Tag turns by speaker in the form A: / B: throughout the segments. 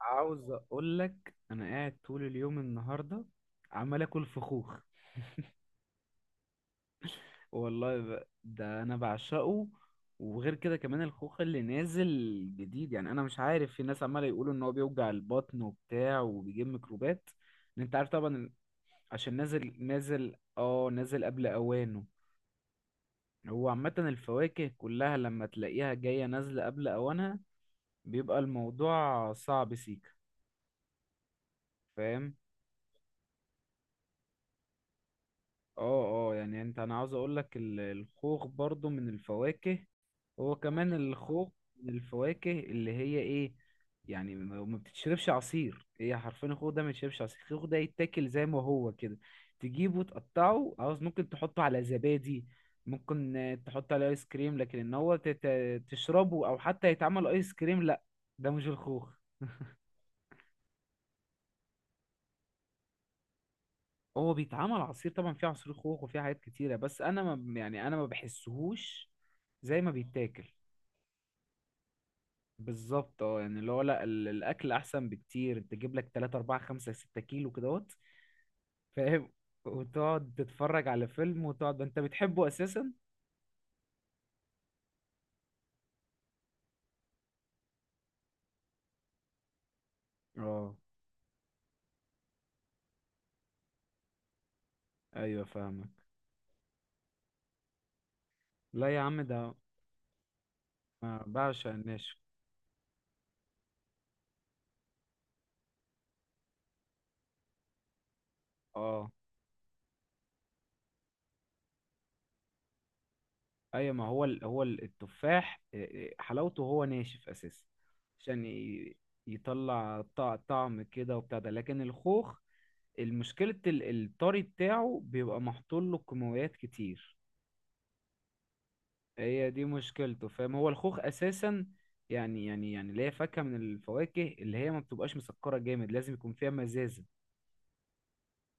A: عاوز اقول لك انا قاعد طول اليوم النهارده، عمال اكل فخوخ. والله، ده انا بعشقه. وغير كده كمان الخوخ اللي نازل جديد، يعني انا مش عارف، في ناس عماله يقولوا ان هو بيوجع البطن وبتاع وبيجيب ميكروبات، ان انت عارف طبعا. عشان نازل قبل اوانه. هو عامه الفواكه كلها لما تلاقيها جايه نازله قبل اوانها، بيبقى الموضوع صعب سيكا، فاهم؟ اه اه، يعني انا عاوز اقول لك الخوخ برضو من الفواكه، هو كمان الخوخ من الفواكه اللي هي ايه، يعني ما بتتشربش عصير، هي حرفيا الخوخ ده ما يتشربش عصير. الخوخ ده يتاكل زي ما هو كده، تجيبه تقطعه، عاوز، ممكن تحطه على زبادي، ممكن تحطه على ايس كريم، لكن ان هو تشربه، او حتى يتعمل ايس كريم، لا. ده مش الخوخ. هو بيتعمل عصير طبعا، فيه عصير خوخ وفيه حاجات كتيرة، بس انا ما يعني انا ما بحسهوش زي ما بيتاكل، بالظبط. اه، يعني اللي هو لا، الاكل احسن بكتير، تجيب لك 3 4 5 6 كيلو كدهوت، فاهم، وتقعد تتفرج على فيلم، وتقعد انت بتحبه اساسا. اه، ايوه، فاهمك. لا يا عم، ده ما بعشق الناشف. اه، ايوه، ما هو التفاح، حلاوته هو ناشف اساسا، عشان يطلع طعم كده وبتاع ده، لكن الخوخ المشكلة الطري بتاعه بيبقى محطول له كيماويات كتير، هي دي مشكلته، فاهم؟ هو الخوخ اساسا يعني، اللي هي فاكهة من الفواكه اللي هي ما بتبقاش مسكرة جامد، لازم يكون فيها مزازة،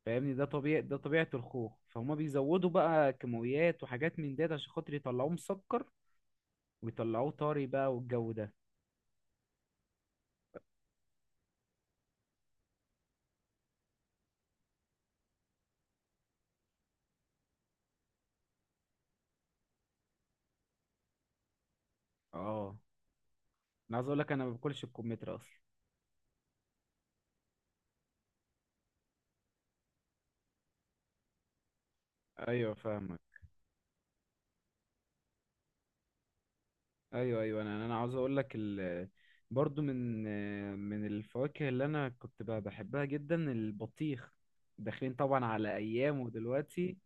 A: فاهمني؟ ده طبيعي، ده طبيعة الخوخ، فهما بيزودوا بقى كيماويات وحاجات من ديت عشان خاطر يطلعوه مسكر، ويطلعوه طري بقى والجو ده. اه، انا عاوز اقول لك انا ما باكلش الكمثرى اصلا. ايوه، فاهمك. ايوه، ايوه، انا عاوز اقول لك، برضو من الفواكه اللي انا كنت بحبها جدا، البطيخ. داخلين طبعا على ايامه دلوقتي.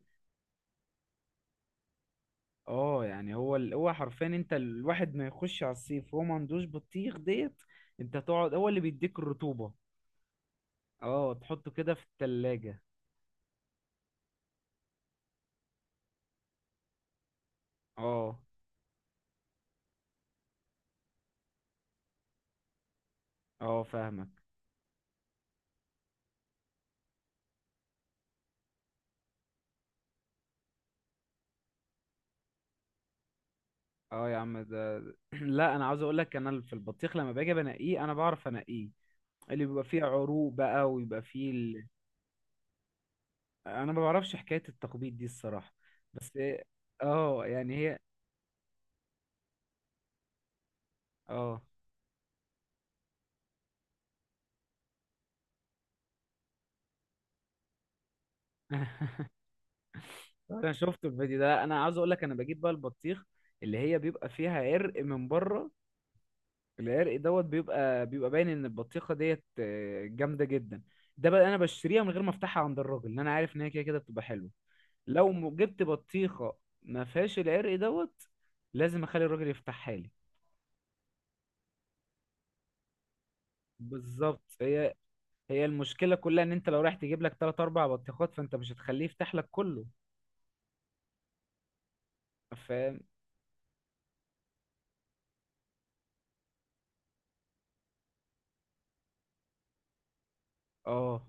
A: اه، يعني هو حرفيا انت، الواحد ما يخش على الصيف وهو ما عندوش بطيخ ديت، انت تقعد، هو اللي بيديك الرطوبة. اه، تحطه كده في التلاجة. اه، اه، فاهمك. اه يا عم ده لا، انا عاوز اقول لك انا في البطيخ لما باجي بنقيه انا بعرف انقيه، اللي بيبقى فيه عروق بقى، ويبقى فيه انا ما بعرفش حكاية التخبيط دي الصراحة، بس اه، يعني هي. اه، انا شفت الفيديو ده. انا عاوز اقول لك انا بجيب بقى البطيخ اللي هي بيبقى فيها عرق من بره، العرق دوت بيبقى، باين ان البطيخه ديت جامده جدا. ده بقى انا بشتريها من غير ما افتحها عند الراجل، لان انا عارف ان هي كده كده بتبقى حلوه. لو جبت بطيخه ما فيهاش العرق دوت، لازم اخلي الراجل يفتحها لي. بالظبط، هي المشكلة كلها ان انت لو رايح تجيب لك تلات اربع بطيخات، فانت مش هتخليه يفتح لك كله، فاهم؟ اه،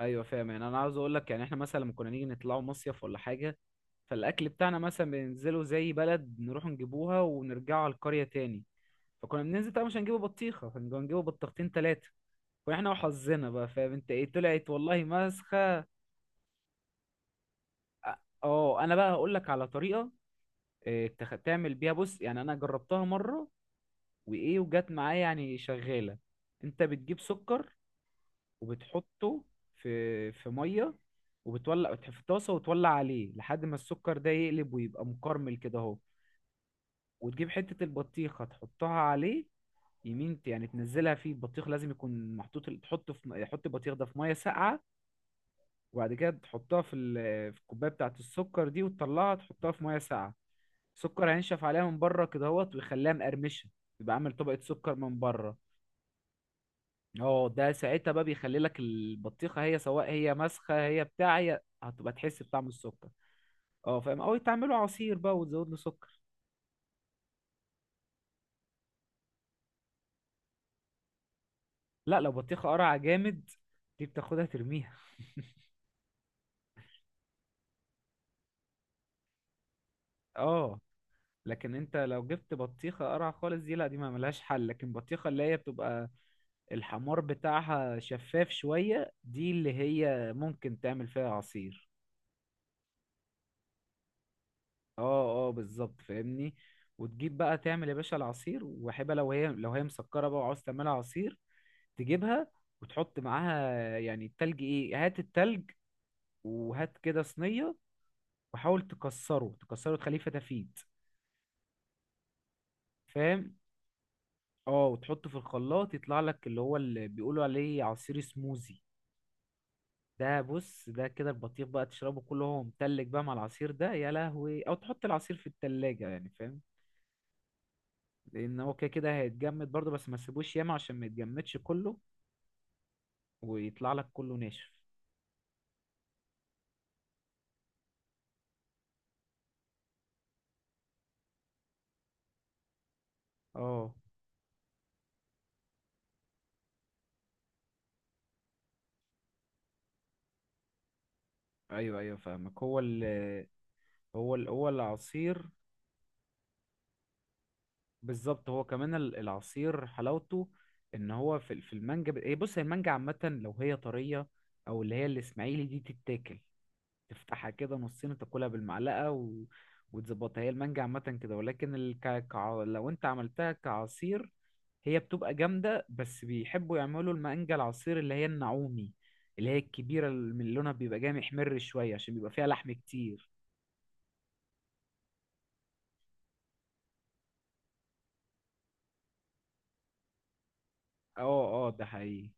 A: ايوه، فاهم. يعني انا عاوز اقول لك، يعني احنا مثلا لما كنا نيجي نطلعوا مصيف ولا حاجة، فالاكل بتاعنا مثلا بننزله زي بلد، نروح نجيبوها ونرجعوا على القرية تاني، فكنا بننزل طبعا مش هنجيبه بطيخة، كنا هنجيبه بطيختين تلاتة، واحنا وحظنا بقى، فاهم انت ايه، طلعت والله مسخة. اه، انا بقى هقول لك على طريقة، تعمل بيها، بص، يعني انا جربتها مرة، وايه، وجت معايا يعني، شغاله. انت بتجيب سكر وبتحطه في ميه، وبتولع، في طاسه، وتولع عليه لحد ما السكر ده يقلب ويبقى مكرمل كده اهو، وتجيب حته البطيخه تحطها عليه، يعني تنزلها فيه، البطيخ لازم يكون محطوط، تحطه في حط البطيخ ده في ميه ساقعه، وبعد كده تحطها في في الكوبايه بتاعه السكر دي، وتطلعها تحطها في ميه ساقعه، السكر هينشف عليها من بره كده اهوت، ويخليها مقرمشه، يبقى عامل طبقه سكر من بره. اه، ده ساعتها بقى بيخلي لك البطيخه هي، سواء هي مسخه هي بتاع، هي هتبقى تحس بطعم السكر. اه، فاهم، او تعمله عصير بقى وتزود له سكر. لا، لو بطيخه قرعه جامد، دي بتاخدها ترميها. اه، لكن انت لو جبت بطيخه قرعه خالص، دي لا، دي ما ملهاش حل، لكن بطيخه اللي هي بتبقى الحمار بتاعها شفاف شويه، دي اللي هي ممكن تعمل فيها عصير. اه، اه، بالظبط، فاهمني. وتجيب بقى تعمل يا باشا العصير وحبه، لو هي، مسكره بقى وعاوز تعملها عصير، تجيبها وتحط معاها يعني التلج، ايه، هات التلج، وهات كده صينية، وحاول تكسره تخليه فتافيت، فاهم. اه، وتحطه في الخلاط يطلع لك اللي هو اللي بيقولوا عليه عصير سموزي، ده بص ده كده البطيخ بقى تشربه كله، هو متلج بقى مع العصير ده، يا لهوي، او تحط العصير في التلاجة يعني، فاهم، لان هو كده كده هيتجمد برضه، بس ما تسيبوش ياما عشان ما يتجمدش كله ويطلع لك كله ناشف. اه، ايوه، ايوه، فاهمك. هو العصير بالظبط. هو كمان العصير حلاوته ان هو في في المانجا، ب- إيه، بص، هي المانجا عامه لو هي طريه، او اللي هي الاسماعيلي دي، تتاكل تفتحها كده نصين وتاكلها بالمعلقه، وتظبطها. هي المانجا عامه كده، ولكن لو انت عملتها كعصير، هي بتبقى جامده، بس بيحبوا يعملوا المانجا العصير اللي هي النعومي، اللي هي الكبيره اللي من لونها بيبقى جامح محمر شويه، عشان بيبقى فيها لحم كتير. اه، اه، ده حقيقي.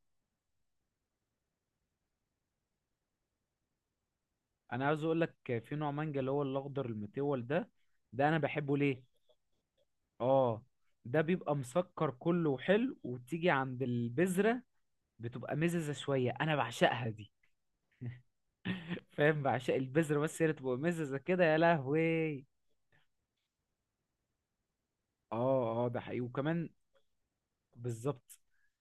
A: انا عاوز اقول لك في نوع مانجا اللي هو الاخضر المتول ده، ده انا بحبه ليه، اه، ده بيبقى مسكر كله وحلو، وتيجي عند البذرة بتبقى مززة شوية، انا بعشقها دي. فاهم، بعشق البذرة، بس هي اللي تبقى مززة كده، يا لهوي. اه، اه، ده حقيقي وكمان، بالظبط.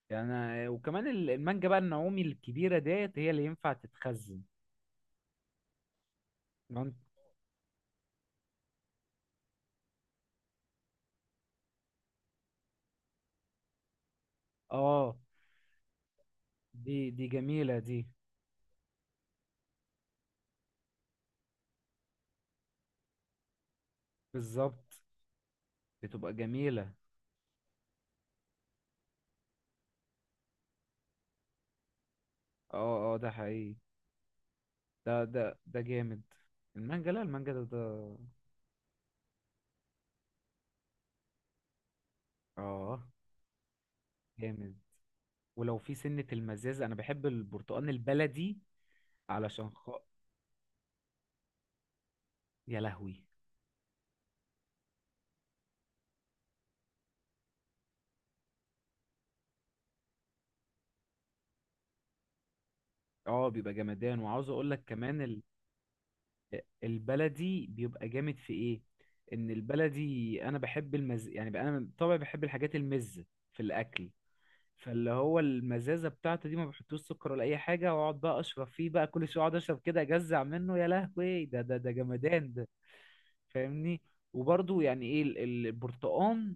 A: يعني وكمان المانجا بقى النعومي الكبيرة ديت هي اللي ينفع تتخزن. مم- اه، دي جميلة دي، بالظبط، بتبقى جميلة. اه، اه، ده حقيقي. ده جامد، المانجا، لا، المانجا ده ده. اه، جامد. ولو في سنة المزازة أنا بحب البرتقال البلدي، علشان يا لهوي، اه، بيبقى جمدان. وعاوز أقول لك كمان، البلدي بيبقى جامد في إيه، إن البلدي أنا بحب المز يعني بقى، أنا طبعا بحب الحاجات المزة في الأكل، فاللي هو المزازة بتاعته دي ما بحطوش سكر ولا أي حاجة، وأقعد بقى أشرب فيه بقى كل شوية، أقعد أشرب كده أجزع منه، يا لهوي، ده جمدان ده. فاهمني. وبرضو، يعني ايه البرتقان،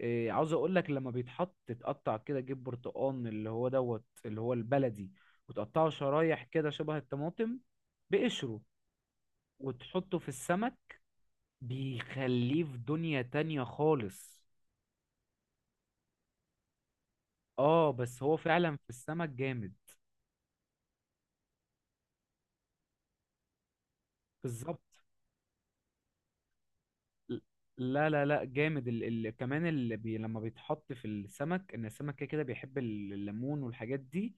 A: إيه، عاوز اقول لك لما بيتحط تتقطع كده، جيب برتقان اللي هو دوت، اللي هو البلدي، وتقطعه شرايح كده شبه الطماطم بقشره، وتحطه في السمك، بيخليه في دنيا تانية خالص. اه، بس هو فعلا في السمك جامد، بالظبط. لا، لا، لا، جامد. كمان اللي لما بيتحط في السمك، ان السمك كده كده بيحب الليمون والحاجات دي،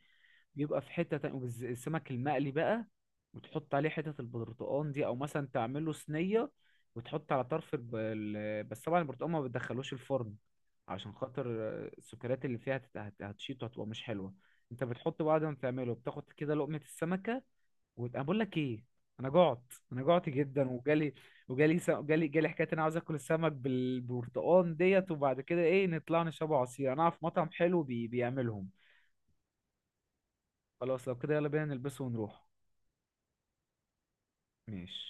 A: بيبقى في حتة تانية. والسمك المقلي بقى، وتحط عليه حتة البرتقان دي، او مثلا تعمله صينية وتحط على طرف بس طبعا البرتقان ما بتدخلوش الفرن، عشان خاطر السكريات اللي فيها هتشيط وهتبقى مش حلوة. انت بتحط بعد ما تعمله بتاخد كده لقمة السمكة، وانا بقول لك ايه، انا جعت جدا، وجالي، وجالي س... جالي جالي حكايه إن انا عاوز اكل السمك بالبرتقال ديت، وبعد كده ايه، نطلع نشرب عصير، انا اعرف مطعم حلو بيعملهم. خلاص، لو كده يلا بينا نلبسه ونروح. ماشي.